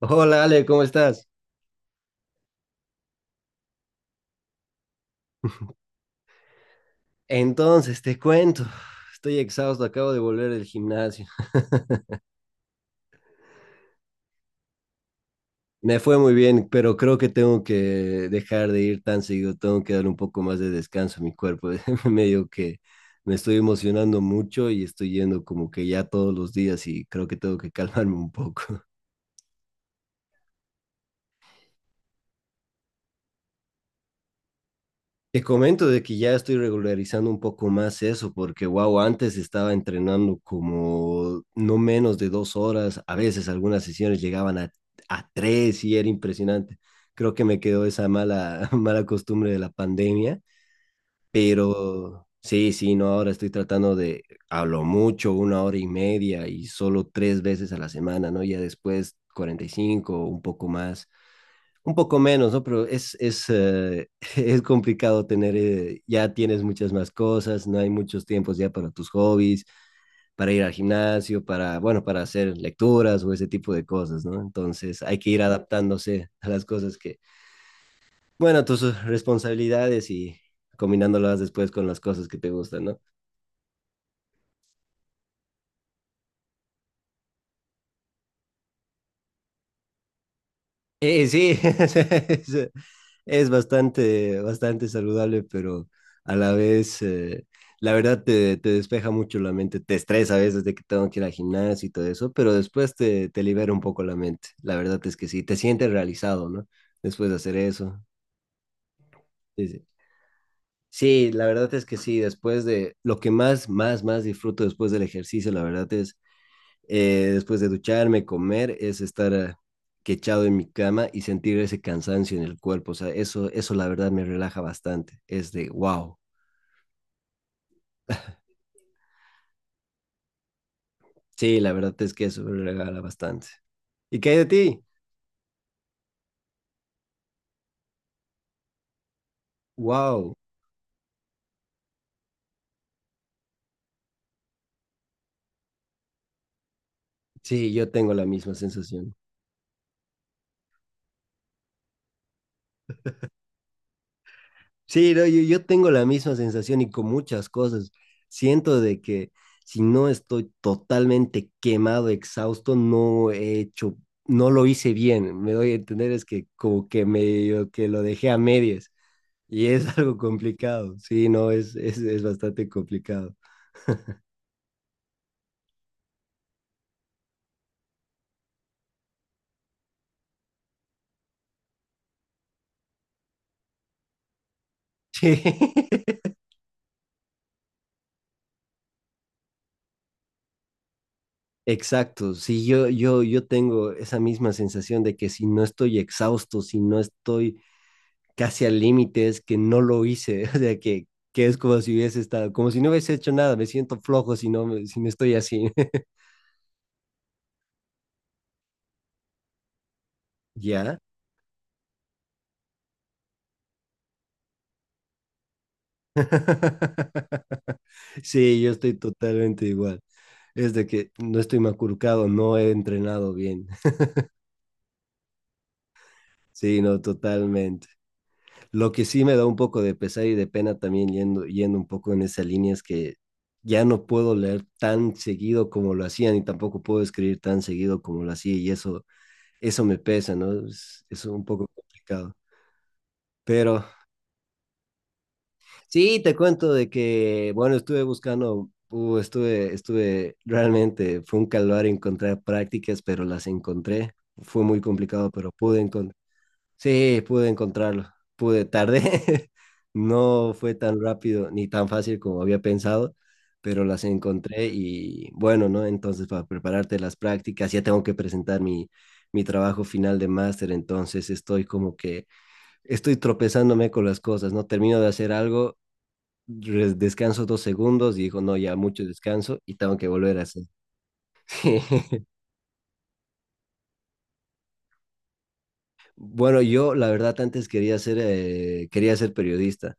Hola Ale, ¿cómo estás? Entonces, te cuento, estoy exhausto, acabo de volver del gimnasio. Me fue muy bien, pero creo que tengo que dejar de ir tan seguido, tengo que dar un poco más de descanso a mi cuerpo. Medio que me estoy emocionando mucho y estoy yendo como que ya todos los días y creo que tengo que calmarme un poco. Te comento de que ya estoy regularizando un poco más eso, porque wow, antes estaba entrenando como no menos de dos horas, a veces algunas sesiones llegaban a tres y era impresionante. Creo que me quedó esa mala, mala costumbre de la pandemia, pero sí, sí, no, ahora estoy tratando de, a lo mucho, una hora y media y solo tres veces a la semana, ¿no? Ya después 45 o un poco más. Un poco menos, ¿no? Pero es complicado tener, ya tienes muchas más cosas, no hay muchos tiempos ya para tus hobbies, para ir al gimnasio, para, bueno, para hacer lecturas o ese tipo de cosas, ¿no? Entonces hay que ir adaptándose a las cosas que, bueno, a tus responsabilidades y combinándolas después con las cosas que te gustan, ¿no? Sí, es es bastante, bastante saludable, pero a la vez, la verdad te despeja mucho la mente, te estresa a veces de que tengo que ir al gimnasio y todo eso, pero después te libera un poco la mente. La verdad es que sí, te sientes realizado, ¿no? Después de hacer eso. Sí, sí. Sí, la verdad es que sí, después de lo que más disfruto después del ejercicio, la verdad es después de ducharme, comer, es estar quechado en mi cama y sentir ese cansancio en el cuerpo. O sea, eso la verdad me relaja bastante. Es de wow. Sí, la verdad es que eso me regala bastante. ¿Y qué hay de ti? Wow. Sí, yo tengo la misma sensación. Sí, no, yo tengo la misma sensación y con muchas cosas. Siento de que si no estoy totalmente quemado, exhausto, no he hecho, no lo hice bien. Me doy a entender, es que como que medio que lo dejé a medias y es algo complicado. Sí, no, es bastante complicado. Sí. Exacto, sí, yo tengo esa misma sensación de que si no estoy exhausto, si no estoy casi a límites, que no lo hice, o sea, que es como si hubiese estado, como si no hubiese hecho nada, me siento flojo si no, si no estoy así, ¿ya? Sí, yo estoy totalmente igual, es de que no estoy maculcado, no he entrenado bien, sí, no, totalmente. Lo que sí me da un poco de pesar y de pena también yendo, yendo un poco en esa línea es que ya no puedo leer tan seguido como lo hacía, ni tampoco puedo escribir tan seguido como lo hacía, y eso me pesa, ¿no? Es un poco complicado. Pero sí, te cuento de que, bueno, estuve buscando, estuve, realmente fue un calvario encontrar prácticas, pero las encontré. Fue muy complicado, pero pude encontrar. Sí, pude encontrarlo. Pude, tardé. No fue tan rápido ni tan fácil como había pensado, pero las encontré y bueno, ¿no? Entonces, para prepararte las prácticas, ya tengo que presentar mi trabajo final de máster, entonces estoy como que estoy tropezándome con las cosas, ¿no? Termino de hacer algo, descanso dos segundos y digo, no, ya mucho descanso y tengo que volver a hacer. Bueno, yo la verdad antes quería ser periodista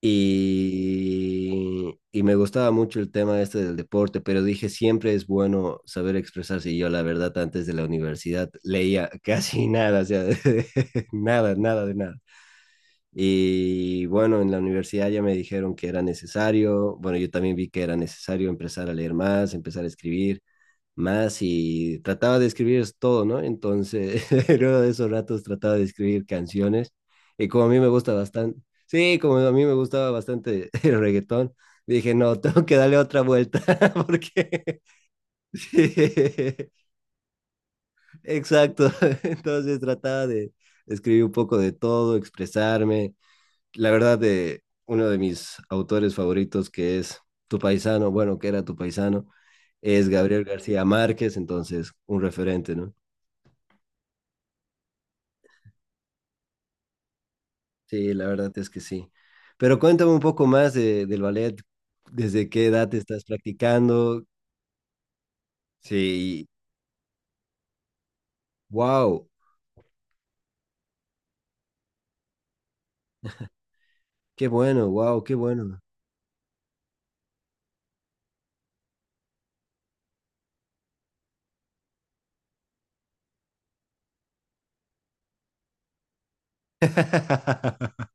y me gustaba mucho el tema este del deporte, pero dije, siempre es bueno saber expresarse y yo la verdad antes de la universidad leía casi nada, o sea, nada, nada de nada. Y bueno, en la universidad ya me dijeron que era necesario, bueno, yo también vi que era necesario empezar a leer más, empezar a escribir más y trataba de escribir es todo, ¿no? Entonces, luego de esos ratos trataba de escribir canciones y como a mí me gusta bastante, sí, como a mí me gustaba bastante el reggaetón, dije, no, tengo que darle otra vuelta porque, sí, exacto, entonces trataba de escribir un poco de todo, expresarme la verdad, de uno de mis autores favoritos, que es tu paisano, bueno, que era tu paisano, es Gabriel García Márquez, entonces un referente, ¿no? Sí, la verdad es que sí. Pero cuéntame un poco más del ballet, desde qué edad te estás practicando. Sí, wow, qué bueno, wow, qué bueno.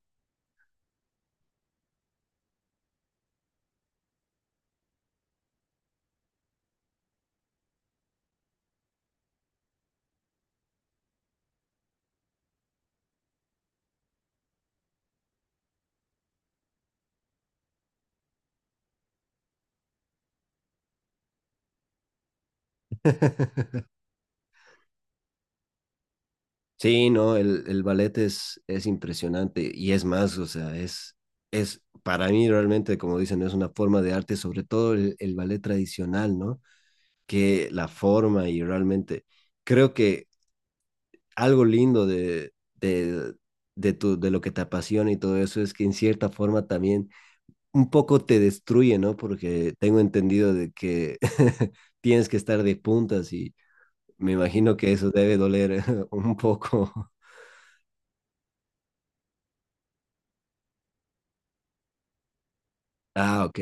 Sí, no, el ballet es impresionante y es más, o sea, es para mí realmente, como dicen, es una forma de arte, sobre todo el ballet tradicional, ¿no? Que la forma y realmente creo que algo lindo de lo que te apasiona y todo eso es que en cierta forma también un poco te destruye, ¿no? Porque tengo entendido de que tienes que estar de puntas y me imagino que eso debe doler un poco. Ah, ok.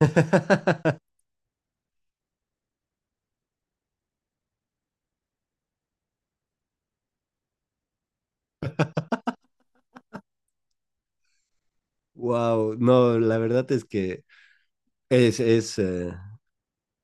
Wow, no, la verdad es que es, es, eh,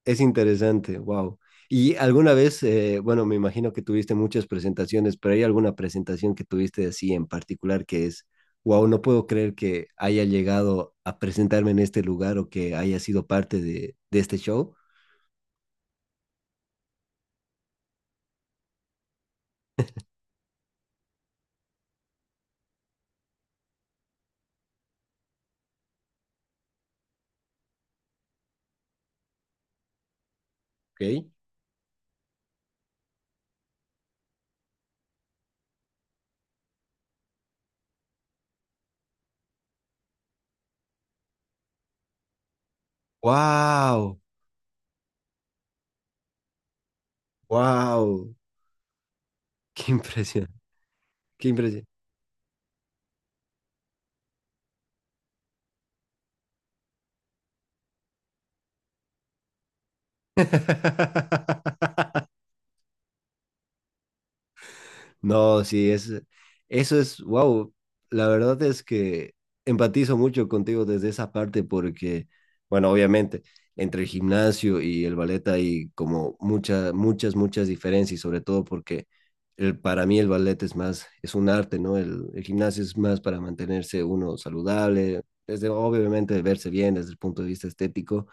es interesante, wow. ¿Y alguna vez, bueno, me imagino que tuviste muchas presentaciones, pero hay alguna presentación que tuviste así en particular que es, wow, no puedo creer que haya llegado a presentarme en este lugar o que haya sido parte de este show? ¿Ok? Wow, wow, qué impresión, qué impresión. No, sí, es, eso es, wow, la verdad es que empatizo mucho contigo desde esa parte porque, bueno, obviamente, entre el gimnasio y el ballet hay como muchas, muchas, muchas diferencias, y sobre todo porque el, para mí el ballet es más, es un arte, ¿no? El gimnasio es más para mantenerse uno saludable, desde, obviamente, verse bien desde el punto de vista estético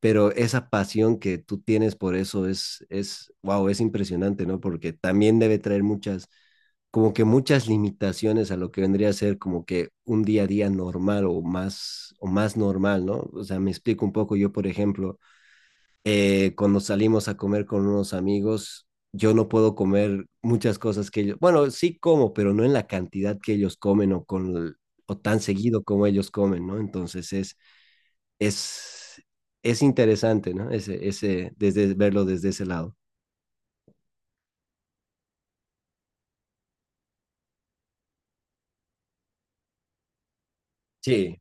pero esa pasión que tú tienes por eso es, wow, es impresionante, ¿no? Porque también debe traer muchas, como que muchas limitaciones a lo que vendría a ser como que un día a día normal o más normal, ¿no? O sea, me explico un poco, yo por ejemplo, cuando salimos a comer con unos amigos, yo no puedo comer muchas cosas que ellos, bueno, sí como, pero no en la cantidad que ellos comen o con o tan seguido como ellos comen, ¿no? Entonces es, es interesante, ¿no? Ese, desde, verlo desde ese lado. Sí,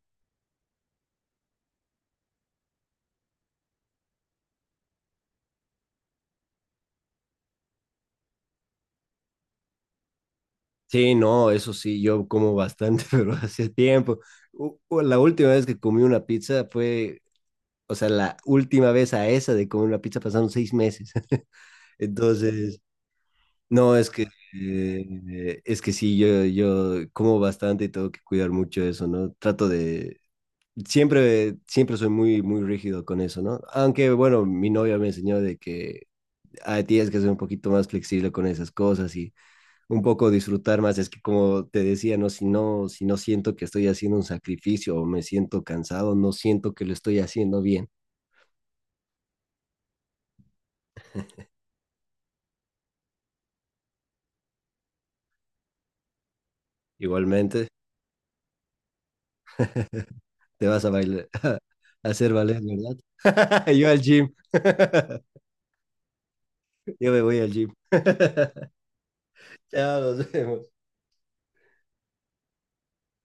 sí, no, eso sí, yo como bastante, pero hace tiempo. La última vez que comí una pizza fue, o sea, la última vez a esa de comer una pizza pasaron seis meses. Entonces, no, es que sí, yo como bastante y tengo que cuidar mucho eso, ¿no? Trato de, siempre soy muy rígido con eso, ¿no? Aunque, bueno, mi novia me enseñó de que ah, tienes que ser un poquito más flexible con esas cosas y un poco disfrutar más. Es que como te decía, no, si no siento que estoy haciendo un sacrificio o me siento cansado, no siento que lo estoy haciendo bien. Igualmente, te vas a bailar, a hacer ballet, ¿verdad? Yo al gym. Yo me voy al gym. Chao, nos vemos.